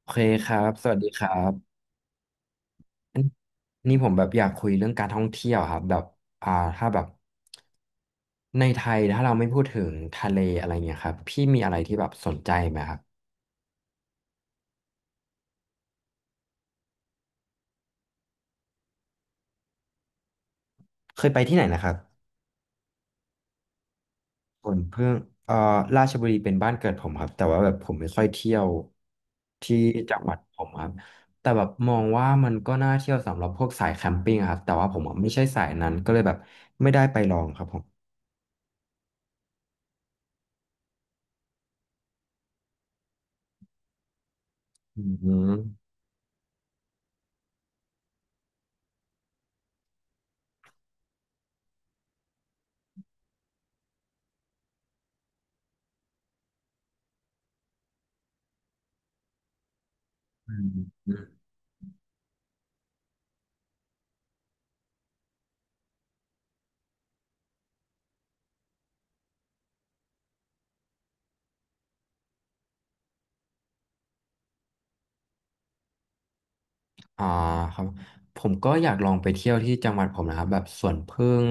โอเคครับสวัสดีครับนี่ผมแบบอยากคุยเรื่องการท่องเที่ยวครับแบบอ่าถ้าแบบในไทยถ้าเราไม่พูดถึงทะเลอะไรเงี้ยครับพี่มีอะไรที่แบบสนใจไหมครับเคยไปที่ไหนนะครับผมเพิ่งเอ่อราชบุรีเป็นบ้านเกิดผมครับแต่ว่าแบบผมไม่ค่อยเที่ยวที่จังหวัดผมครับแต่แบบมองว่ามันก็น่าเที่ยวสำหรับพวกสายแคมปิ้งอะครับแต่ว่าผมอะไม่ใช่สายนั้นก็เลยแบบไม่ได้ไปลองครับผมอืมอืม อ่าครับผมก็อยากลองไปเที่ยวที่จังหวัดผมนะครับแบบสวนผึ้ง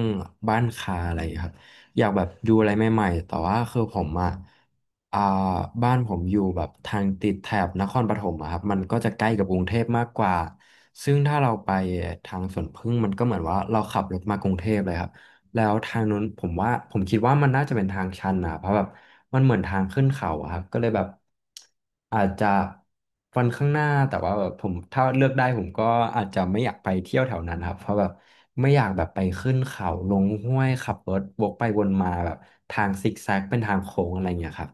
บ้านคาอะไรอย่างเงี้ยครับอยากแบบดูอะไรใหม่ๆแต่ว่าคือผมอ่ะอ่าบ้านผมอยู่แบบทางติดแถบนครปฐมอะครับมันก็จะใกล้กับกรุงเทพมากกว่าซึ่งถ้าเราไปทางสวนผึ้งมันก็เหมือนว่าเราขับรถมากรุงเทพเลยครับ แล้วทางนู้นผมว่าผมคิดว่ามันน่าจะเป็นทางชันนะเพราะแบบมันเหมือนทางขึ้นเขาอะครับก็เลยแบบอาจจะวันข้างหน้าแต่ว่าแบบผมถ้าเลือกได้ผมก็อาจจะไม่อยากไปเที่ยวแถวนั้นครับเพราะแบบไม่อยากแบบไปขึ้นเขาลงห้วยขับรถวกไปวนมาแบบทางซิกแซกเป็นทางโค้งอะไรอย่างเงี้ยครับ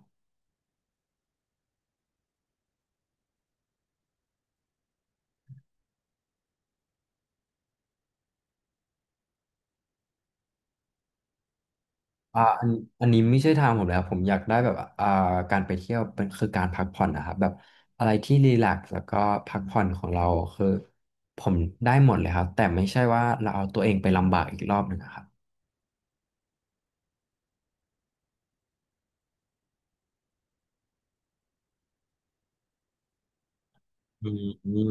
อ่าอันอันนี้ไม่ใช่ทางผมเลยครับผมอยากได้แบบการไปเที่ยวเป็นคือการพักผ่อนนะครับแบบอะไรที่รีแลกซ์แล้วก็พักผ่อนของเราคือผมได้หมดเลยครับแต่ไม่ใช่ว่าเราเอาตัวเองไปลำบากอีกรอบหนึ่งอะครับอืมอม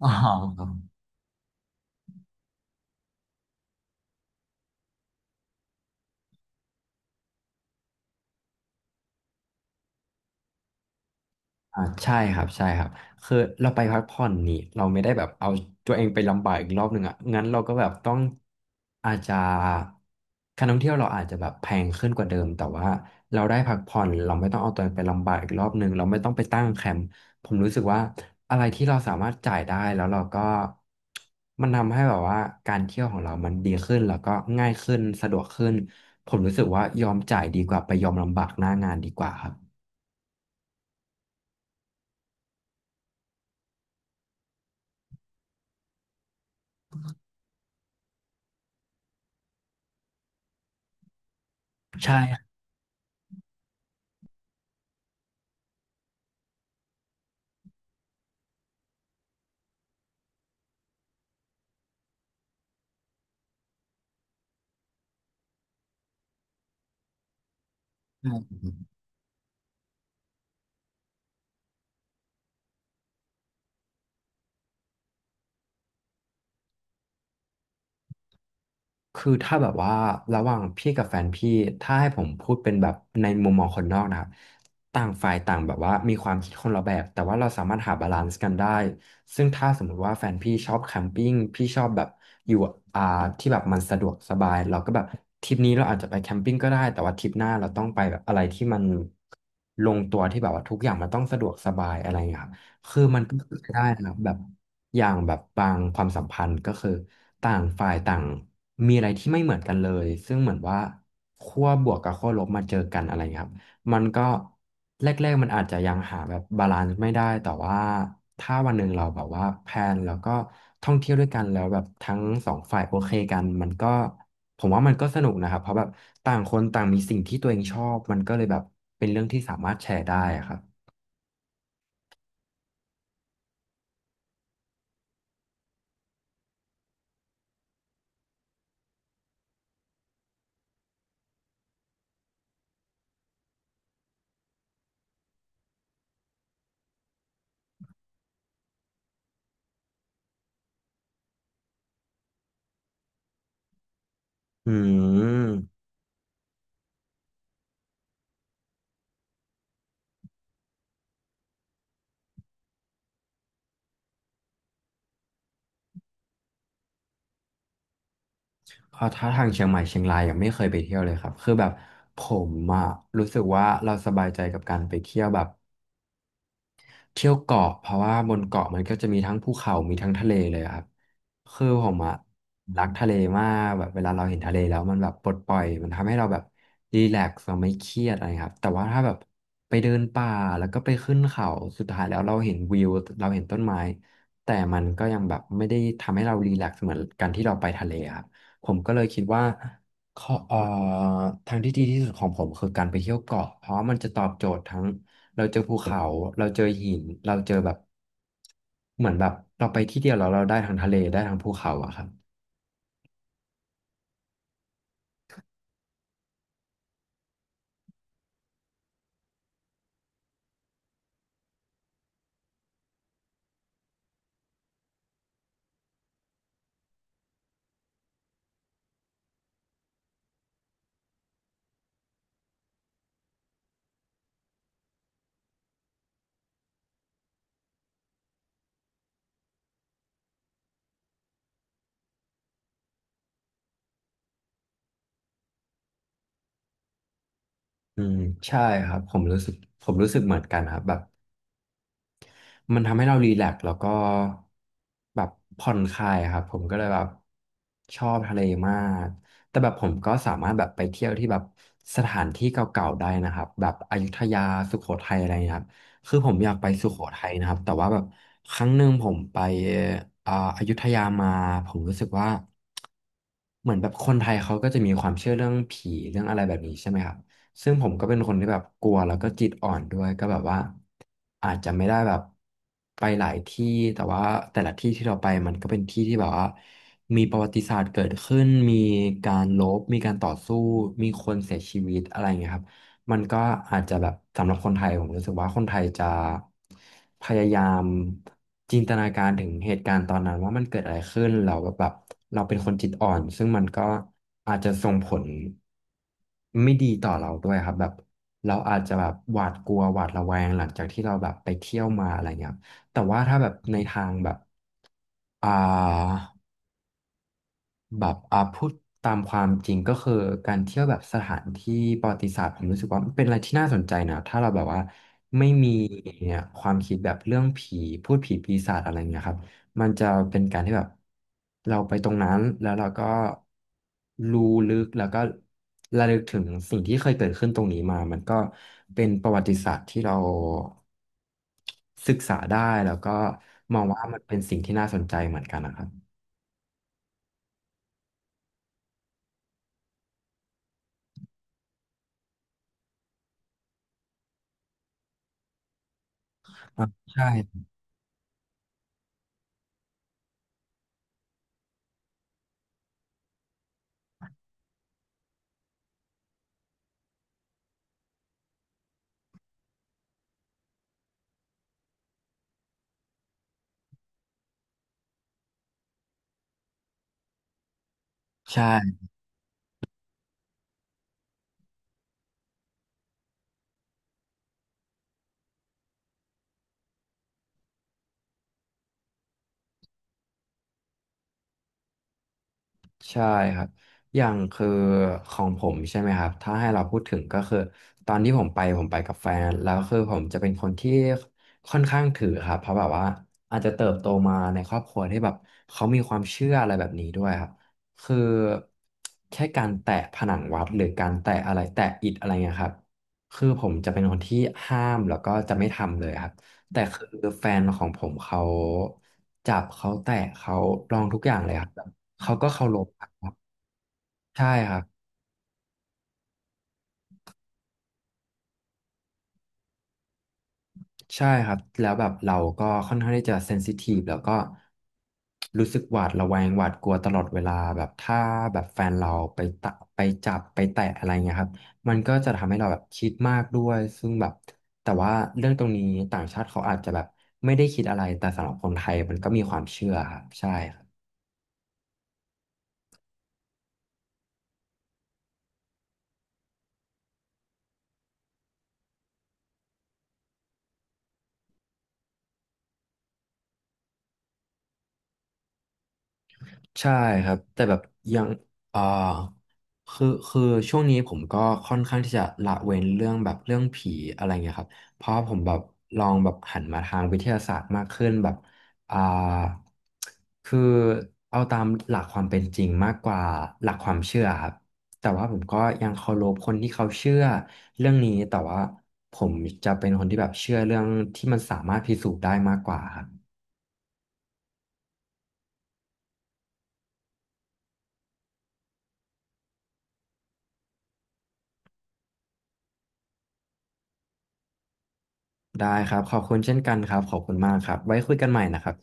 อ๋อ ใช่ครับใช่ครับคือเราไปพักผ่อนนี่เราไม่ได้แบบเอาตัวเองไปลำบากอีกรอบหนึ่งอ่ะงั้นเราก็แบบต้องอาจจะการท่องเที่ยวเราอาจจะแบบแพงขึ้นกว่าเดิมแต่ว่าเราได้พักผ่อนเราไม่ต้องเอาตัวเองไปลำบากอีกรอบหนึ่งเราไม่ต้องไปตั้งแคมป์ผมรู้สึกว่าอะไรที่เราสามารถจ่ายได้แล้วเราก็มันทำให้แบบว่าการเที่ยวของเรามันดีขึ้นแล้วก็ง่ายขึ้นสะดวกขึ้นผมรู้สึกว่ายอมจ่ายดีกว่าไปยอมลำบากหน้างานดีกว่าครับใช่ คือถ้าแบบว่าระหว่างพี่กับแฟนพี่ถ้าให้ผมพูดเป็นแบบในมุมมองคนนอกนะครับต่างฝ่ายต่างแบบว่ามีความคิดคนละแบบแต่ว่าเราสามารถหาบาลานซ์กันได้ซึ่งถ้าสมมุติว่าแฟนพี่ชอบแคมปิ้งพี่ชอบแบบอยู่อ่าที่แบบมันสะดวกสบายเราก็แบบทริปนี้เราอาจจะไปแคมปิ้งก็ได้แต่ว่าทริปหน้าเราต้องไปแบบอะไรที่มันลงตัวที่แบบว่าทุกอย่างมันต้องสะดวกสบายอะไรอย่างเงี้ยครับคือมันก็คือได้นะครับแบบ อย่างแบบบางความสัมพันธ์ก็คือต่างฝ่ายต่างมีอะไรที่ไม่เหมือนกันเลยซึ่งเหมือนว่าขั้วบวกกับขั้วลบมาเจอกันอะไรเงี้ยครับมันก็แรกๆมันอาจจะยังหาแบบบาลานซ์ไม่ได้แต่ว่าถ้าวันหนึ่งเราแบบว่าแพลนแล้วก็ท่องเที่ยวด้วยกันแล้วแบบทั้งสองฝ่ายโอเคกันมันก็ผมว่ามันก็สนุกนะครับเพราะแบบต่างคนต่างมีสิ่งที่ตัวเองชอบมันก็เลยแบบเป็นเรื่องที่สามารถแชร์ได้อะครับอืม พอถ้าทางเชียงใหม่เชียงรายยังไม่เคยไปเที่ยวเลยครับคือแบบผมอะรู้สึกว่าเราสบายใจกับการไปเที่ยวแบบเที่ยวเกาะเพราะว่าบนเกาะมันก็จะมีทั้งภูเขามีทั้งทะเลเลยครับคือผมอะรักทะเลมากแบบเวลาเราเห็นทะเลแล้วมันแบบปลดปล่อยมันทำให้เราแบบรีแลกซ์เราไม่เครียดอะไรครับแต่ว่าถ้าแบบไปเดินป่าแล้วก็ไปขึ้นเขาสุดท้ายแล้วเราเห็นวิวเราเห็นต้นไม้แต่มันก็ยังแบบไม่ได้ทำให้เรารีแลกซ์เหมือนกันที่เราไปทะเลครับผมก็เลยคิดว่า ข้อเอ่อทางที่ดีที่สุดของผมคือการไปเที่ยวเกาะเพราะมันจะตอบโจทย์ทั้งเราเจอภูเขาเราเจอหินเราเจอแบบเหมือนแบบเราไปที่เดียวแล้วเราได้ทั้งทะเลได้ทั้งภูเขาอะครับอืมใช่ครับผมรู้สึกผมรู้สึกเหมือนกันครับแบบ มันทำให้เรารีแลกซ์แล้วก็แบบผ่อนคลายอะครับผมก็เลยแบบชอบทะเลมากแต่แบบผมก็สามารถแบบไปเที่ยวที่แบบสถานที่เก่าๆได้นะครับแบบอยุธยาสุโขทัยอะไรเงี้ยครับคือผมอยากไปสุโขทัยนะครับแต่ว่าแบบครั้งหนึ่งผมไปอ่าอยุธยามาผมรู้สึกว่าเหมือนแบบคนไทยเขาก็จะมีความเชื่อเรื่องผีเรื่องอะไรแบบนี้ใช่ไหมครับ ซึ่งผมก็เป็นคนที่แบบกลัวแล้วก็จิตอ่อนด้วยก็แบบว่าอาจจะไม่ได้แบบไปหลายที่แต่ว่าแต่ละที่ที่เราไปมันก็เป็นที่ที่แบบว่ามีประวัติศาสตร์เกิดขึ้นมีการรบมีการต่อสู้มีคนเสียชีวิตอะไรอย่างเงี้ยครับ มันก็อาจจะแบบสำหรับคนไทยผมรู้สึกว่าคนไทยจะพยายามจินตนาการถึงเหตุการณ์ตอนนั้นว่ามันเกิดอะไรขึ้นเราแบบเราเป็นคนจิตอ่อนซึ่งมันก็อาจจะส่งผลไม่ดีต่อเราด้วยครับแบบเราอาจจะแบบหวาดกลัวหวาดระแวงหลังจากที่เราแบบไปเที่ยวมาอะไรเงี้ยครับแต่ว่าถ้าแบบในทางแบบอ่า แบบพูดตามความจริงก็คือการเที่ยวแบบสถานที่ประวัติศาสตร์ผมรู้สึกว่ามันเป็นอะไรที่น่าสนใจนะถ้าเราแบบว่าไม่มีเนี่ยความคิดแบบเรื่องผีพูดผีปีศาจอะไรเงี้ยครับมันจะเป็นการที่แบบเราไปตรงนั้นแล้วเราก็รู้ลึกแล้วก็ระลึกถึงสิ่งที่เคยเกิดขึ้นตรงนี้มามันก็เป็นประวัติศาสตร์ที่เราศึกษาได้แล้วก็มองว่ามันเป็นสิ่งที่น่าสนใจเหมือนกันนะครับอ่าใช่ใช่ ใช่ครับอย่างคือของผมใช่ไหมครับถ้าให้เราพูดถึงก็คือตอนที่ผมไปผมไปกับแฟนแล้วคือผมจะเป็นคนที่ค่อนข้างถือครับเพราะแบบว่าอาจจะเติบโตมาในครอบครัวที่แบบเขามีความเชื่ออะไรแบบนี้ด้วยครับคือแค่การแตะผนังวัดหรือการแตะอะไรแตะอิฐอะไรเงี้ยครับคือผมจะเป็นคนที่ห้ามแล้วก็จะไม่ทำเลยครับแต่คือแฟนของผมเขาจับเขาแตะเขาลองทุกอย่างเลยครับ เขาก็เคารพครับใช่ครับใช่ครับแล้วแบบเราก็ค่อนข้างที่จะเซนซิทีฟแล้วก็รู้สึกหวาดระแวงหวาดกลัวตลอดเวลาแบบถ้าแบบแฟนเราไปตะไปจับไปแตะอะไรเงี้ยครับมันก็จะทำให้เราแบบคิดมากด้วยซึ่งแบบแต่ว่าเรื่องตรงนี้ต่างชาติเขาอาจจะแบบไม่ได้คิดอะไรแต่สำหรับคนไทยมันก็มีความเชื่อครับใช่ครับ ใช่ครับแต่แบบยังเอ่อคือช่วงนี้ผมก็ค่อนข้างที่จะละเว้นเรื่องแบบเรื่องผีอะไรเงี้ยครับเพราะผมแบบลองแบบหันมาทางวิทยาศาสตร์มากขึ้นแบบอ่าคือเอาตามหลักความเป็นจริงมากกว่าหลักความเชื่อครับแต่ว่าผมก็ยังเคารพคนที่เขาเชื่อเรื่องนี้แต่ว่าผมจะเป็นคนที่แบบเชื่อเรื่องที่มันสามารถพิสูจน์ได้มากกว่าครับ ได้ครับขอบคุณเช่นกันครับขอบคุณมากครับไว้คุยกันใหม่นะครับ